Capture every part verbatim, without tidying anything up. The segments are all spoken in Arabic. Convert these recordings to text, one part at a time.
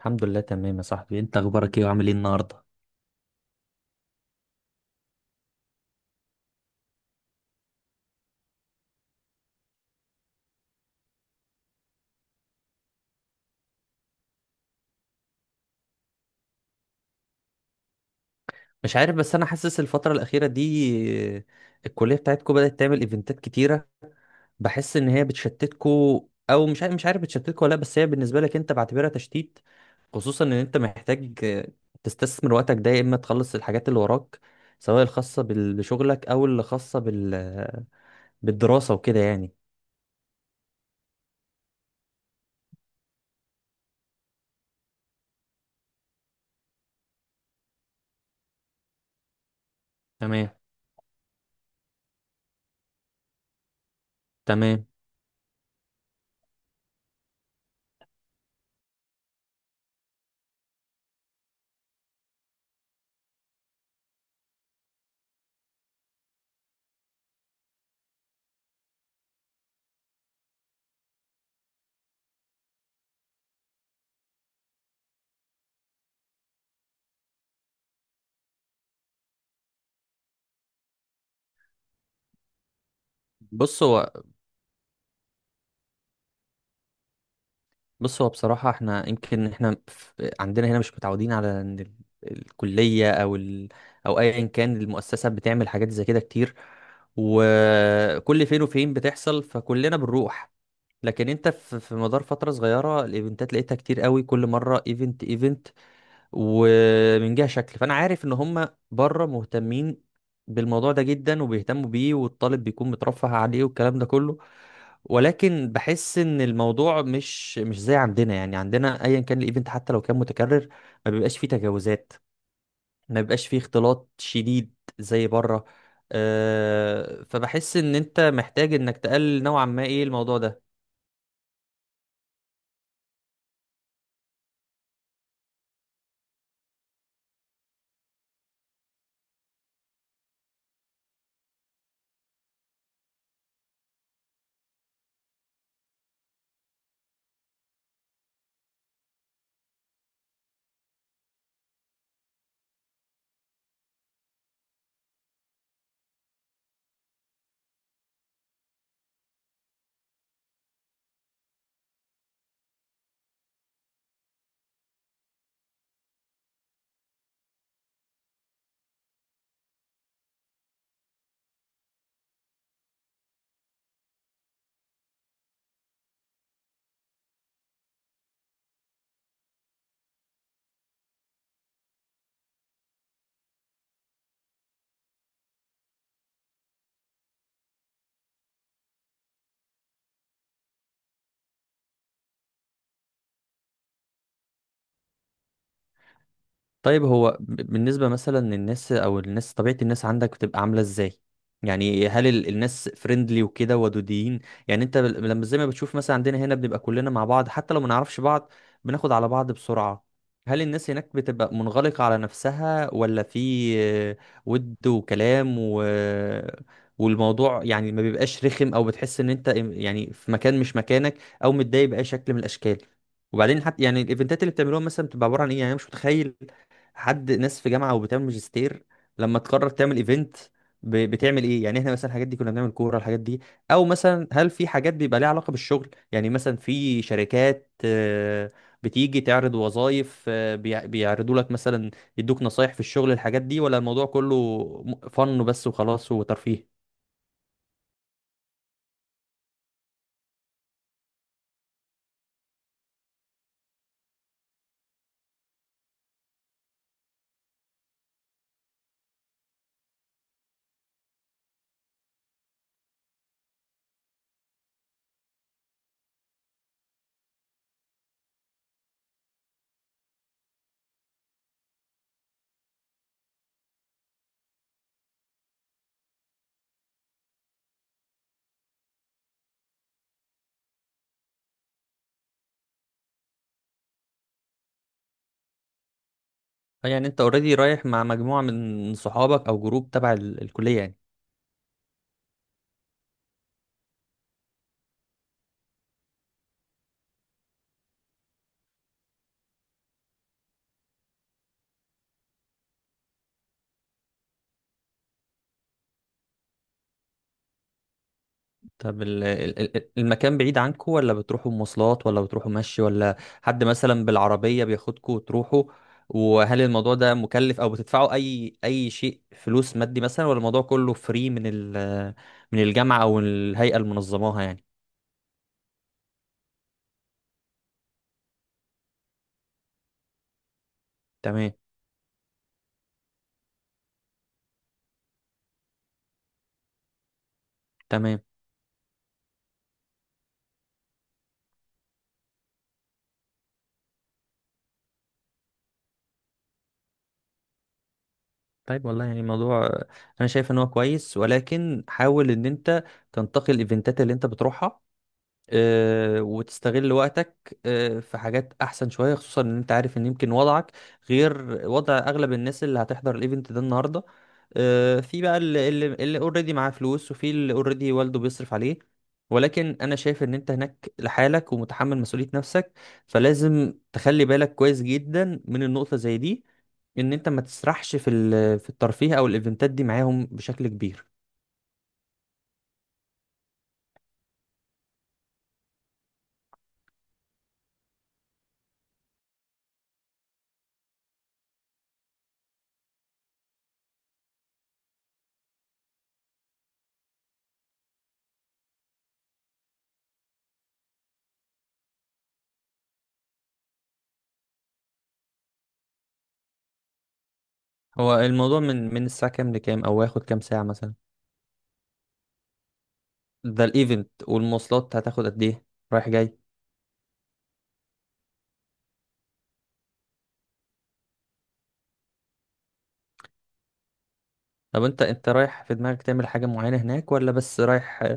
الحمد لله تمام يا صاحبي، انت اخبارك ايه وعامل ايه النهارده؟ مش عارف بس انا حاسس الفتره الاخيره دي الكليه بتاعتكو بدات تعمل ايفنتات كتيره. بحس ان هي بتشتتكو، او مش عارف مش عارف بتشتتكو ولا لا، بس هي بالنسبه لك انت بعتبرها تشتيت. خصوصا ان انت محتاج تستثمر وقتك ده، يا اما تخلص الحاجات اللي وراك سواء الخاصه بال- بشغلك او اللي خاصه بال... بالدراسه وكده يعني. تمام. تمام. بص هو بص هو بصراحة احنا يمكن احنا في- عندنا هنا مش متعودين على ان ال- الكلية او ال، او ايا كان المؤسسة، بتعمل حاجات زي كده كتير وكل فين وفين بتحصل، فكلنا بنروح. لكن انت في في مدار فترة صغيرة الايفنتات لقيتها كتير قوي، كل مرة ايفنت ايفنت. ومن جهة شكل فانا عارف ان هم بره مهتمين بالموضوع ده جدا وبيهتموا بيه، والطالب بيكون مترفه عليه والكلام ده كله. ولكن بحس ان الموضوع مش مش زي عندنا. يعني عندنا ايا كان الايفنت حتى لو كان متكرر ما بيبقاش فيه تجاوزات، ما بيبقاش فيه اختلاط شديد زي بره. أه، فبحس ان انت محتاج انك تقلل نوعا ما ايه الموضوع ده. طيب هو ب- بالنسبة مثلا للناس، أو الناس طبيعة الناس عندك بتبقى عاملة إزاي؟ يعني هل ال- الناس فريندلي وكده ودودين؟ يعني أنت بل- لما زي ما بتشوف مثلا عندنا هنا بنبقى كلنا مع بعض حتى لو ما نعرفش بعض بناخد على بعض بسرعة. هل الناس هناك بتبقى منغلقة على نفسها، ولا في آه، ود وكلام و... والموضوع يعني ما بيبقاش رخم، أو بتحس إن أنت يعني في مكان مش مكانك أو متضايق بأي شكل من الأشكال؟ وبعدين حتى يعني الايفنتات اللي بتعملوها مثلا بتبقى عباره عن ايه؟ يعني انا مش متخيل حد ناس في جامعه وبتعمل ماجستير لما تقرر تعمل ايفنت بتعمل ايه. يعني احنا مثلا الحاجات دي كنا بنعمل كوره الحاجات دي، او مثلا هل في حاجات بيبقى ليها علاقه بالشغل؟ يعني مثلا في شركات آه، بتيجي تعرض وظائف، آه، بيع- بيعرضوا لك مثلا يدوك نصايح في الشغل، الحاجات دي، ولا الموضوع كله فن بس وخلاص وترفيه؟ يعني انت اوريدي رايح مع مجموعه من صحابك او جروب تبع ال- الكليه يعني. طب ال- ال- ال- المكان بعيد عنكم، ولا بتروحوا مواصلات ولا بتروحوا مشي، ولا حد مثلا بالعربية بياخدكم وتروحوا؟ وهل الموضوع ده مكلف او بتدفعوا اي اي شيء فلوس مادي مثلا، ولا الموضوع كله فري من ال، من الجامعة او الهيئة اللي منظماها يعني؟ تمام. تمام. طيب، والله يعني الموضوع انا شايف ان هو كويس، ولكن حاول ان انت تنتقي الايفنتات اللي انت بتروحها، آه، وتستغل وقتك آه، في حاجات احسن شويه. خصوصا ان انت عارف ان يمكن وضعك غير وضع اغلب الناس اللي هتحضر الايفنت ده النهارده. آه، في بقى اللي اللي اللي اوريدي معاه فلوس، وفي اللي اوريدي والده بيصرف عليه. ولكن انا شايف ان انت هناك لحالك ومتحمل مسؤوليه نفسك، فلازم تخلي بالك كويس جدا من النقطه زي دي، ان انت ما تسرحش في ال- في الترفيه او الايفنتات دي معاهم بشكل كبير. هو الموضوع من من الساعه كام لكام، او واخد كام ساعه مثلا ده الايفنت؟ والمواصلات هتاخد قد ايه، رايح جاي؟ طب انت انت رايح في دماغك تعمل حاجة معينة هناك، ولا بس رايح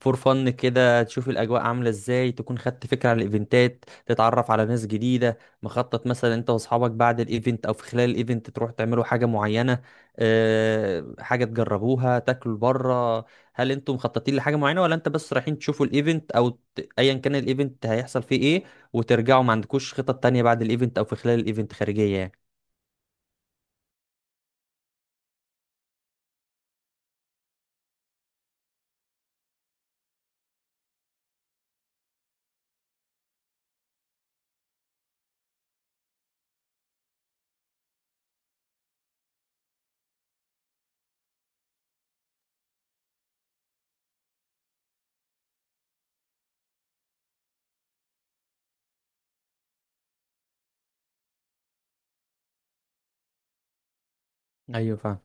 فور فن كده تشوف الاجواء عاملة ازاي، تكون خدت فكرة عن الايفنتات، تتعرف على ناس جديدة؟ مخطط مثلا انت واصحابك بعد الايفنت او في خلال الايفنت تروح تعملوا حاجة معينة، اه حاجة تجربوها، تاكلوا بره؟ هل انتم مخططين لحاجة معينة، ولا انت بس رايحين تشوفوا الايفنت، او ت- ايا كان الايفنت هيحصل فيه ايه وترجعوا، ما عندكوش خطط تانية بعد الايفنت او في خلال الايفنت خارجية يعني؟ ايوه فاهم.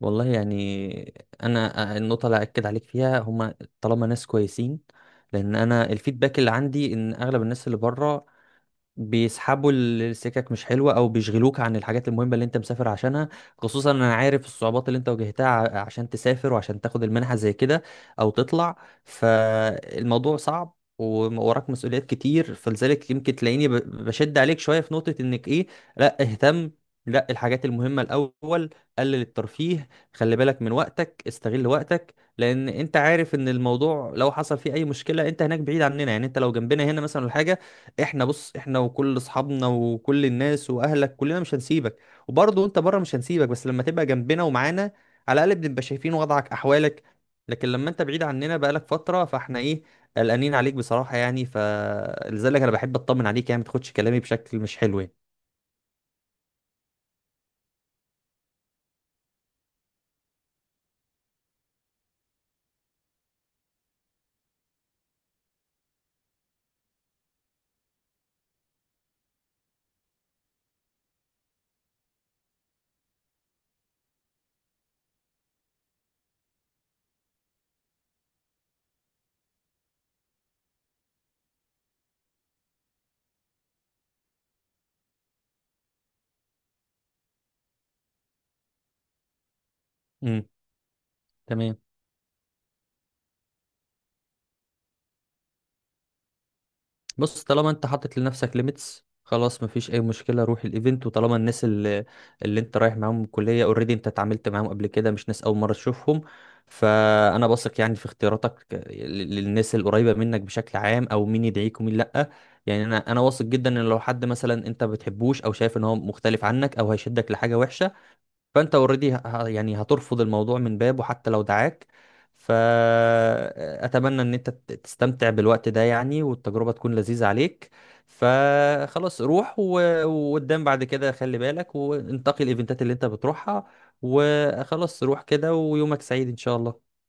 والله يعني انا النقطه اللي اكد عليك فيها هما، طالما ناس كويسين، لان انا الفيدباك اللي عندي ان اغلب الناس اللي بره بيسحبوا ال- السكك مش حلوة او بيشغلوك عن الحاجات المهمة اللي انت مسافر عشانها. خصوصا انا عارف الصعوبات اللي انت واجهتها ع- عشان تسافر وعشان تاخد المنحة زي كده او تطلع. فالموضوع صعب ووراك مسؤوليات كتير، فلذلك يمكن تلاقيني ب- بشد عليك شوية في نقطة انك ايه، لا اهتم، لا الحاجات المهمة الأول، قلل الترفيه، خلي بالك من وقتك، استغل وقتك. لأن أنت عارف إن الموضوع لو حصل فيه أي مشكلة أنت هناك بعيد عننا. يعني أنت لو جنبنا هنا مثلا الحاجة، احنا بص، احنا وكل اصحابنا وكل الناس واهلك كلنا مش هنسيبك. وبرضه انت بره مش هنسيبك، بس لما تبقى جنبنا ومعانا على الاقل بنبقى شايفين وضعك احوالك. لكن لما انت بعيد عننا بقالك فتره فاحنا ايه، قلقانين عليك بصراحه يعني. فلذلك انا بحب اطمن عليك يعني، ما تاخدش كلامي بشكل مش حلو يعني. امم. تمام. بص، طالما انت حاطط لنفسك ليميتس خلاص، مفيش اي مشكله، روح الايفنت. وطالما الناس اللي, اللي انت رايح معاهم الكليه اوريدي انت اتعاملت معاهم قبل كده، مش ناس اول مره تشوفهم، فانا بثق يعني في اختياراتك لل- للناس القريبه منك بشكل عام، او مين يدعيك ومين لا. يعني انا انا واثق جدا ان لو حد مثلا انت ما بتحبوش او شايف ان هو مختلف عنك او هيشدك لحاجه وحشه فانت اوريدي يعني هترفض الموضوع من بابه حتى لو دعاك. فاتمنى ان انت ت- تستمتع بالوقت ده يعني، والتجربة تكون لذيذة عليك. فخلاص روح و- وقدام بعد كده خلي بالك وانتقي الايفنتات اللي انت بتروحها. وخلاص روح كده، ويومك سعيد ان شاء الله.